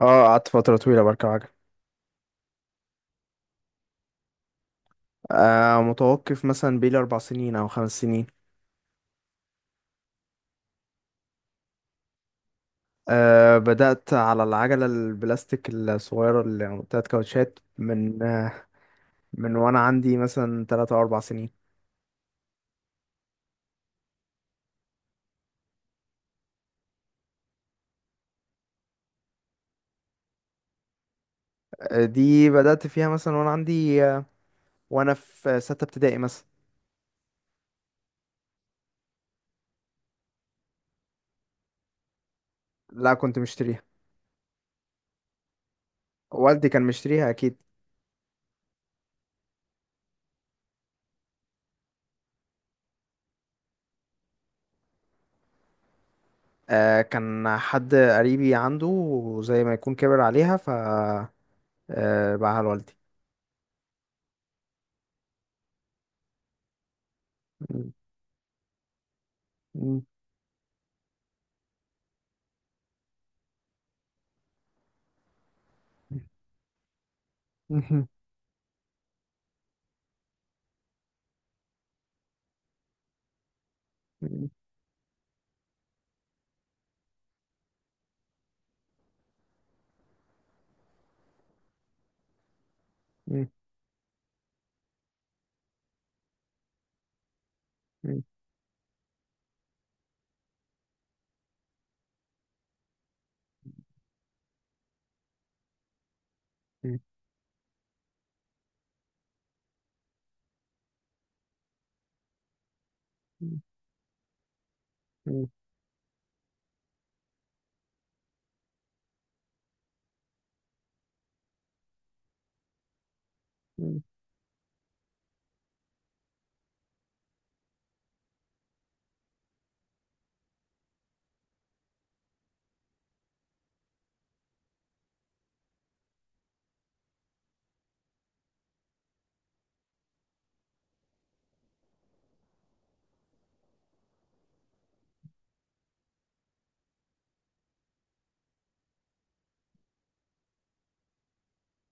اه، قعدت فترة طويلة بركب عجل. متوقف مثلا بيلي 4 سنين أو 5 سنين. بدأت على العجلة البلاستيك الصغيرة اللي يعني بتاعت كاوتشات من وأنا عندي مثلا 3 أو 4 سنين. دي بدأت فيها مثلا وأنا عندي آه وأنا في 6 ابتدائي مثلا. لا، كنت مشتريها. والدي كان مشتريها أكيد. كان حد قريبي عنده وزي ما يكون كبر عليها ف باعها لوالدي. مم. مم. مم. مم. مم. مم. مم. مم.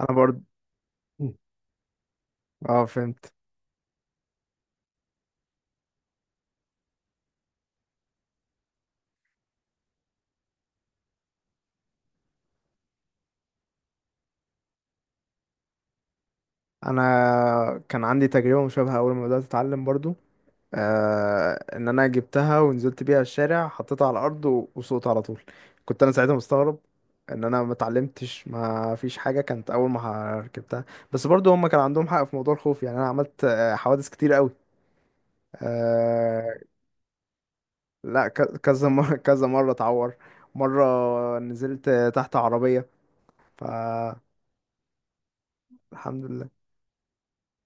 انا برضو، اه، فهمت. انا كان عندي تجربه مشابهه اول ما بدات اتعلم برضو. ان انا جبتها ونزلت بيها الشارع حطيتها على الارض وسقطت على طول. كنت انا ساعتها مستغرب ان انا ما اتعلمتش، ما فيش حاجه كانت اول ما ركبتها. بس برضو هم كان عندهم حق في موضوع الخوف، يعني انا عملت حوادث كتير قوي. آه، لا كذا مره، كذا مره اتعور. مره نزلت تحت عربيه. فالحمد لله.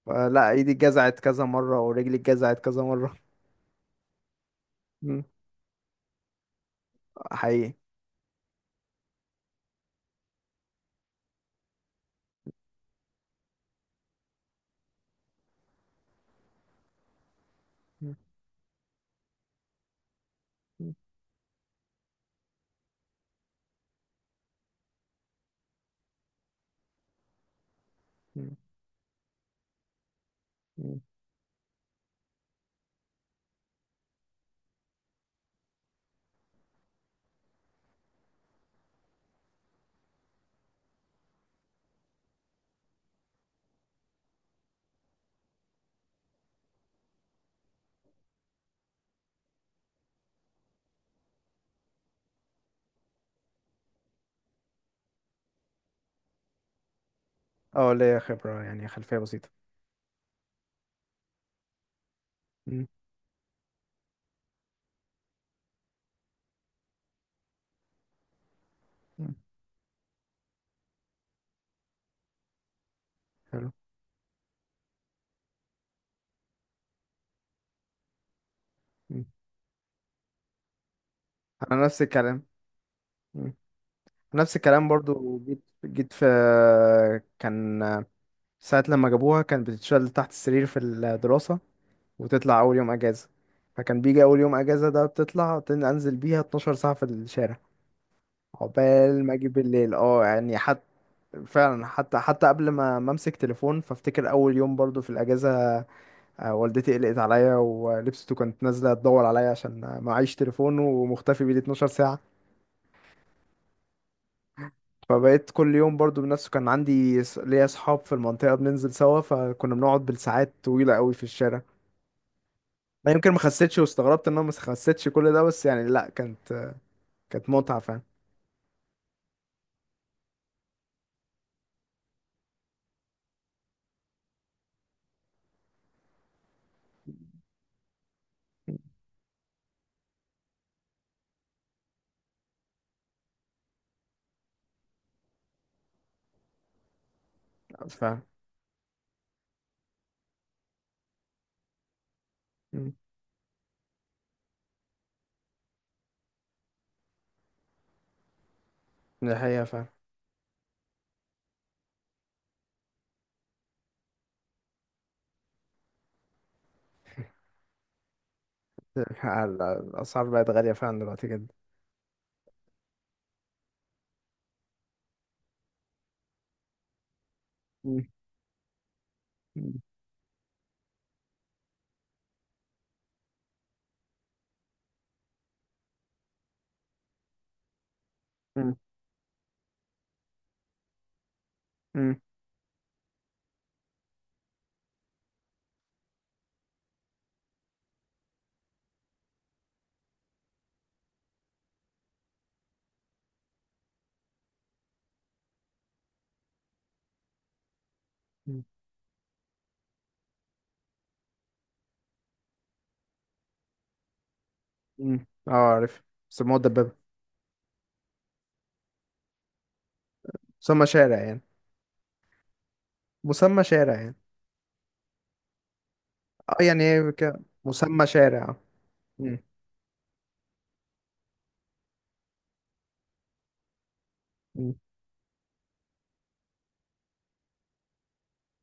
لا، ايدي اتجزعت كذا مرة ورجلي اتجزعت كذا مرة. مم. حقيقي. مم. مم. مم. مم. اه، ليا خبرة، يعني خلفية بسيطة. مم. مم. حلو. مم. انا نفس الكلام. مم. نفس الكلام برضو، جيت في. كان ساعة لما جابوها كان بتتشال تحت السرير في الدراسة، وتطلع أول يوم أجازة. فكان بيجي أول يوم أجازة ده بتطلع أنزل بيها 12 ساعة في الشارع، عقبال ما اجي بالليل. اه يعني حتى فعلا، حتى قبل ما امسك تليفون، فافتكر اول يوم برضو في الاجازه. والدتي قلقت عليا ولبسته، كانت نازله تدور عليا عشان معيش تليفون ومختفي بيه 12 ساعه. فبقيت كل يوم برضو بنفسه، كان عندي ليا اصحاب في المنطقه بننزل سوا، فكنا بنقعد بالساعات طويله قوي في الشارع. ما يمكن ما خسيتش، واستغربت ان انا ما خسيتش كل ده، بس يعني لا كانت متعه فعلا. فعلا. مم. دي حقيقه فعلا. الأسعار بقت غالية فعلا دلوقتي جدا. مم. مم. مم. مم. مم. اه، عارف. سموه الدبابة. مسمى شارع يعني. مسمى شارع يعني. اه يعني ايه مسمى شارع، اه. مم. مم.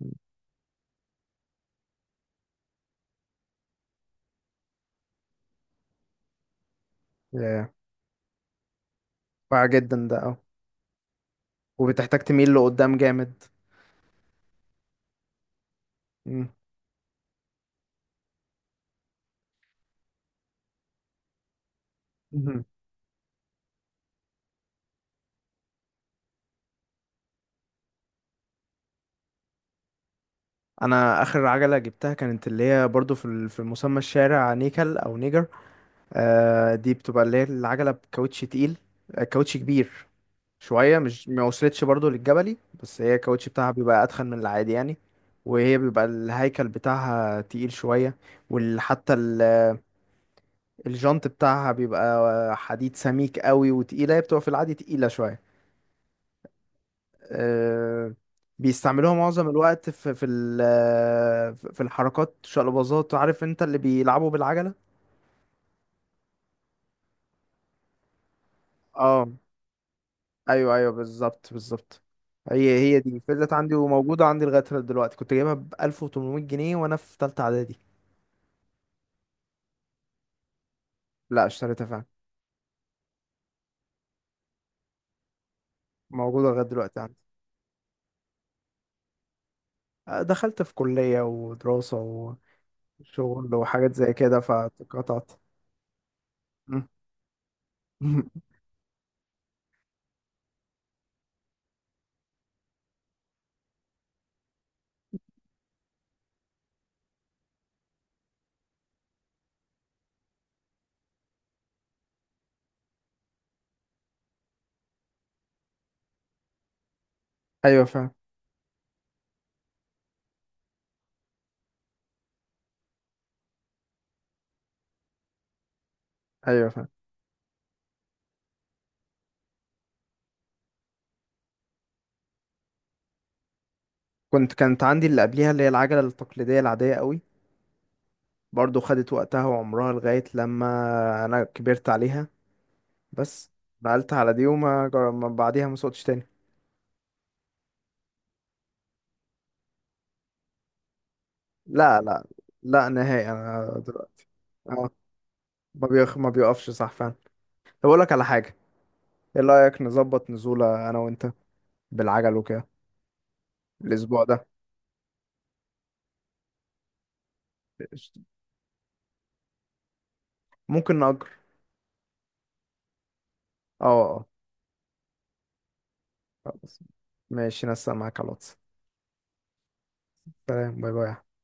مم. ياه. واع جدا ده، اه. وبتحتاج تميل لقدام جامد. مم. مهم. انا اخر عجلة جبتها كانت اللي هي برضو في في مسمى الشارع نيكل او نيجر. آه، دي بتبقى اللي هي العجلة بكاوتش تقيل. كاوتش كبير شوية. مش ما وصلتش برضو للجبلي، بس هي الكاوتش بتاعها بيبقى أتخن من العادي يعني. وهي بيبقى الهيكل بتاعها تقيل شوية، وحتى الجنط بتاعها بيبقى حديد سميك قوي وتقيلة. هي بتبقى في العادي تقيلة شوية. أه، بيستعملوها معظم الوقت في الحركات، شقلباظات، عارف انت اللي بيلعبوا بالعجلة. اه، ايوه ايوه، بالظبط بالظبط. هي هي دي فضلت عندي وموجودة عندي لغاية دلوقتي. كنت جايبها ب 1800 جنيه وانا في تالتة اعدادي. لا، اشتريتها فعلا. موجودة لغاية دلوقتي عندي. دخلت في كلية ودراسة وشغل وحاجات زي كده، فاتقطعت. مم. ايوه فعلا. ايوه فعلا. كنت، كانت عندي اللي قبليها، اللي هي العجلة التقليدية العادية قوي. برضو خدت وقتها وعمرها لغاية لما انا كبرت عليها، بس نقلت على دي وما جر... ما بعديها ما سوقتش تاني. لا لا، لا نهائي انا دلوقتي. اه، ما بيقفش صح فعلا. طب اقول لك على حاجة، ايه رأيك نظبط نزولة انا وانت بالعجل وكده الاسبوع ده؟ قشطة. ممكن نأجر. اه اه. خلاص ماشي، نسق معاك على الواتس. سلام، باي باي.